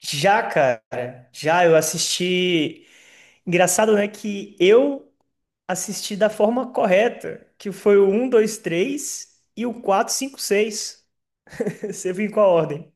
Já, cara, já eu assisti. Engraçado, né, que eu assisti da forma correta, que foi o um, 2, 3 e o 4, 5, 6. Você viu em qual ordem?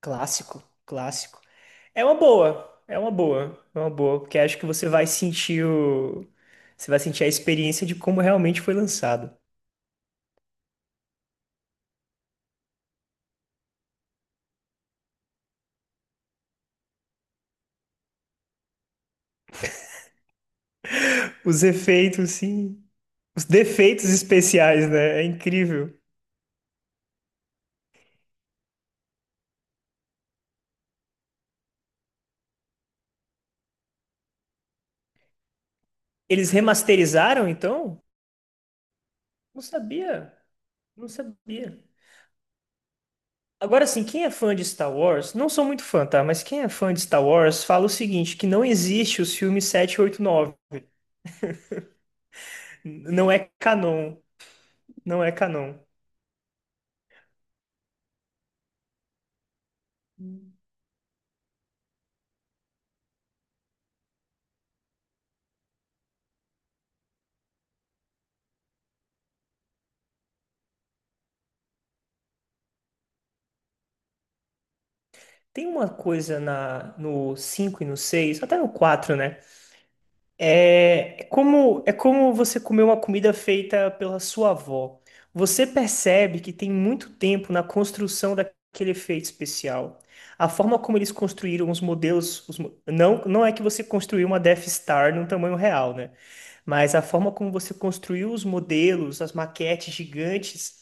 Clássico, clássico. É uma boa, é uma boa, é uma boa, porque acho que você vai sentir o... você vai sentir a experiência de como realmente foi lançado. Os efeitos, sim, os defeitos especiais, né? É incrível. Eles remasterizaram, então? Não sabia. Não sabia. Agora, assim, quem é fã de Star Wars, não sou muito fã, tá? Mas quem é fã de Star Wars fala o seguinte, que não existe os filmes 7, 8, 9. Não é canon. Não é canon. Tem uma coisa no 5 e no seis, até no 4, né? É como você comer uma comida feita pela sua avó. Você percebe que tem muito tempo na construção daquele efeito especial. A forma como eles construíram os modelos, não, não é que você construiu uma Death Star num tamanho real, né? Mas a forma como você construiu os modelos, as maquetes gigantes,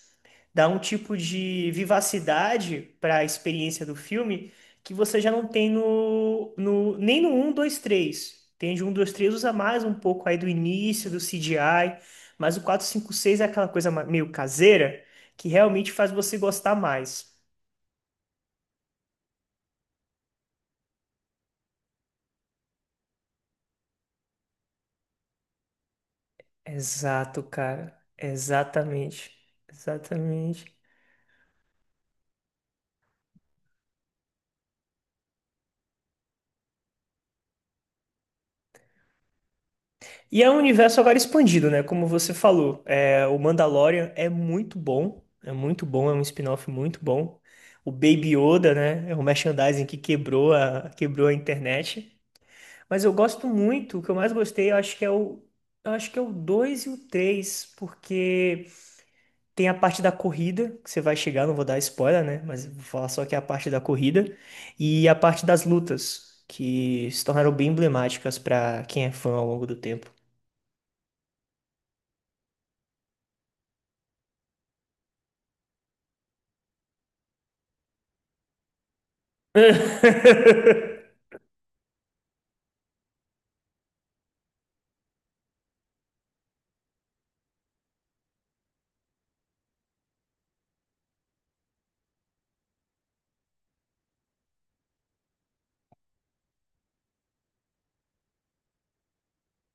dá um tipo de vivacidade para a experiência do filme que você já não tem no nem no 1, 2, 3. Entende? Um 2 3 usa mais um pouco aí do início, do CGI, mas o 4 5 6 é aquela meio caseira que realmente faz você gostar mais. Exato, cara. Exatamente. Exatamente. E é um universo agora expandido, né? Como você falou, é, o Mandalorian é muito bom, é muito bom, é um spin-off muito bom. O Baby Yoda, né? É um merchandising que quebrou quebrou a internet. Mas eu gosto muito, o que eu mais gostei, eu acho que é o, eu acho que é o 2 e o 3, porque tem a parte da corrida, que você vai chegar, não vou dar spoiler, né? Mas vou falar só que é a parte da corrida, e a parte das lutas, que se tornaram bem emblemáticas para quem é fã ao longo do tempo.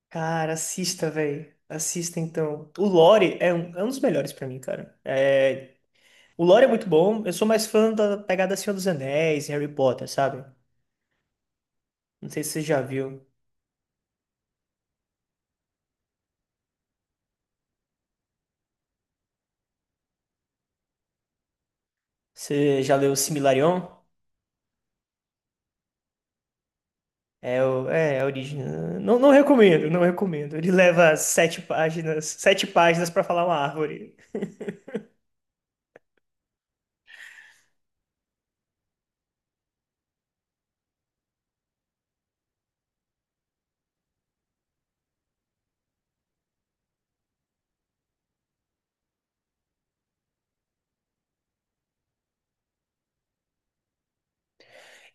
Cara, assista, velho. Assista então. O Lore é um dos melhores pra mim, cara. É, o Lore é muito bom. Eu sou mais fã da pegada Senhor dos Anéis e Harry Potter, sabe? Não sei se você já viu. Você já leu Silmarillion? É a origem. Não, não recomendo, não recomendo. Ele leva 7 páginas, 7 páginas pra falar uma árvore.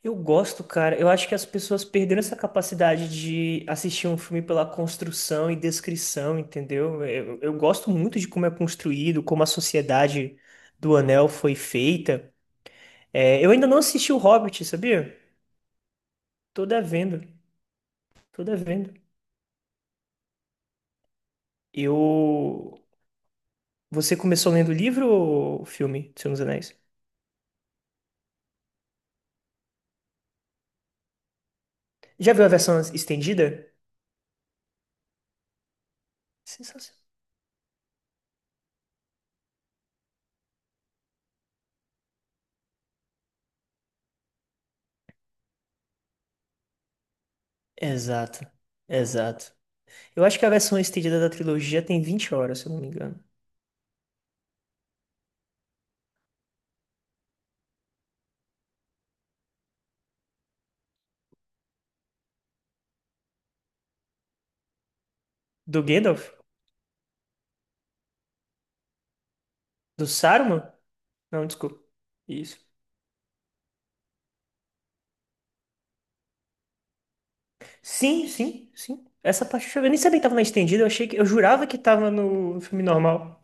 Eu gosto, cara. Eu acho que as pessoas perderam essa capacidade de assistir um filme pela construção e descrição, entendeu? Eu gosto muito de como é construído, como a sociedade do Anel foi feita. É, eu ainda não assisti o Hobbit, sabia? Tô devendo, tô devendo. Eu... Você começou lendo o livro ou o filme, do Senhor dos Anéis? Já viu a versão estendida? Sensacional. Exato, exato. Eu acho que a versão estendida da trilogia tem 20 horas, se eu não me engano. Do Gandalf? Do Saruman? Não, desculpa. Isso. Sim, sim, sim. Essa parte eu nem sabia que tava na estendida, eu achei que eu jurava que tava no filme normal.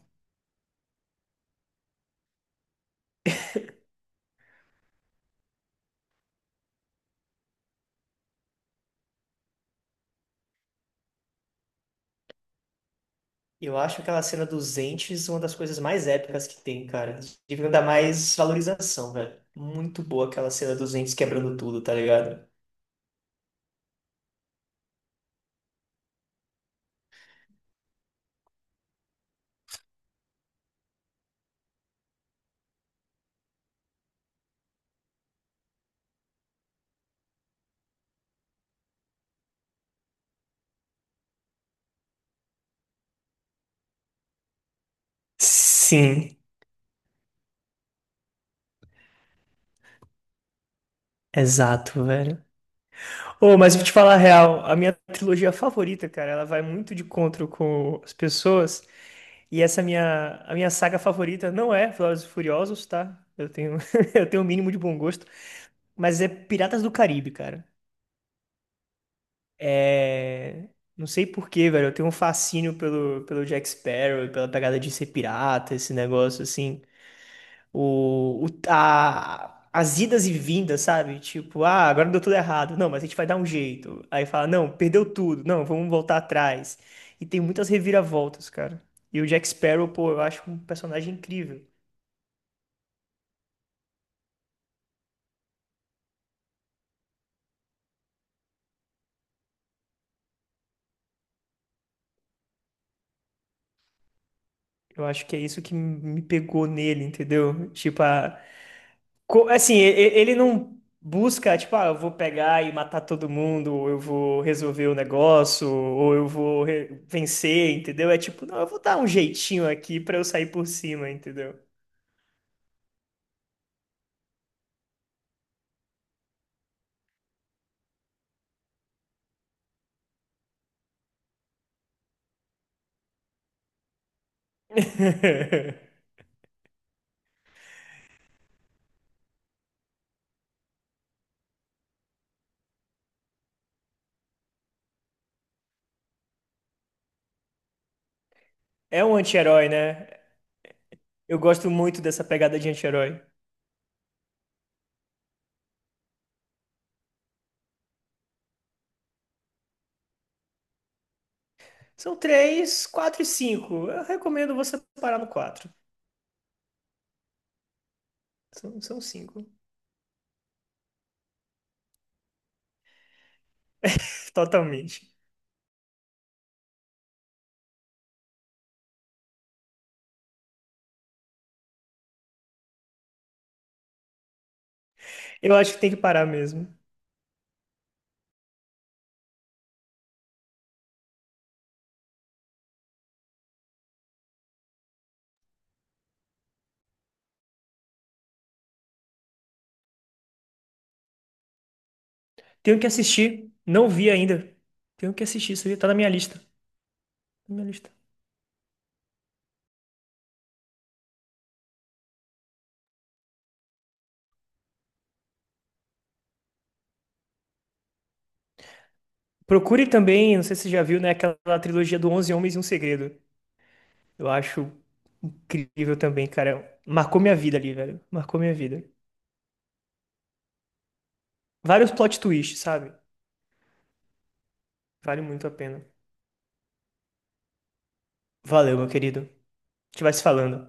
Eu acho aquela cena dos entes uma das coisas mais épicas que tem, cara. Devia dar mais valorização, velho. Muito boa aquela cena dos entes quebrando tudo, tá ligado? Sim, exato, velho. Ô, mas vou te falar a real, a minha trilogia favorita, cara, ela vai muito de encontro com as pessoas. E a minha saga favorita não é Velozes e Furiosos, tá? Eu tenho, eu tenho o mínimo de bom gosto, mas é Piratas do Caribe, cara. É, não sei por quê, velho. Eu tenho um fascínio pelo Jack Sparrow, pela pegada de ser pirata, esse negócio assim. As idas e vindas, sabe? Tipo, ah, agora deu tudo errado. Não, mas a gente vai dar um jeito. Aí fala, não, perdeu tudo. Não, vamos voltar atrás. E tem muitas reviravoltas, cara. E o Jack Sparrow, pô, eu acho um personagem incrível. Eu acho que é isso que me pegou nele, entendeu? Ele não busca, tipo, ah, eu vou pegar e matar todo mundo, ou eu vou resolver o negócio, ou vencer, entendeu? É tipo, não, eu vou dar um jeitinho aqui pra eu sair por cima, entendeu? É um anti-herói, né? Eu gosto muito dessa pegada de anti-herói. São três, quatro e cinco. Eu recomendo você parar no quatro. São cinco. Totalmente. Eu acho que tem que parar mesmo. Tenho que assistir. Não vi ainda. Tenho que assistir isso aí. Tá na minha lista. Tá na minha lista. Procure também, não sei se você já viu, né? Aquela trilogia do Onze Homens e um Segredo. Eu acho incrível também, cara. Marcou minha vida ali, velho. Marcou minha vida. Vários plot twists, sabe? Vale muito a pena. Valeu, meu querido. A gente vai se falando.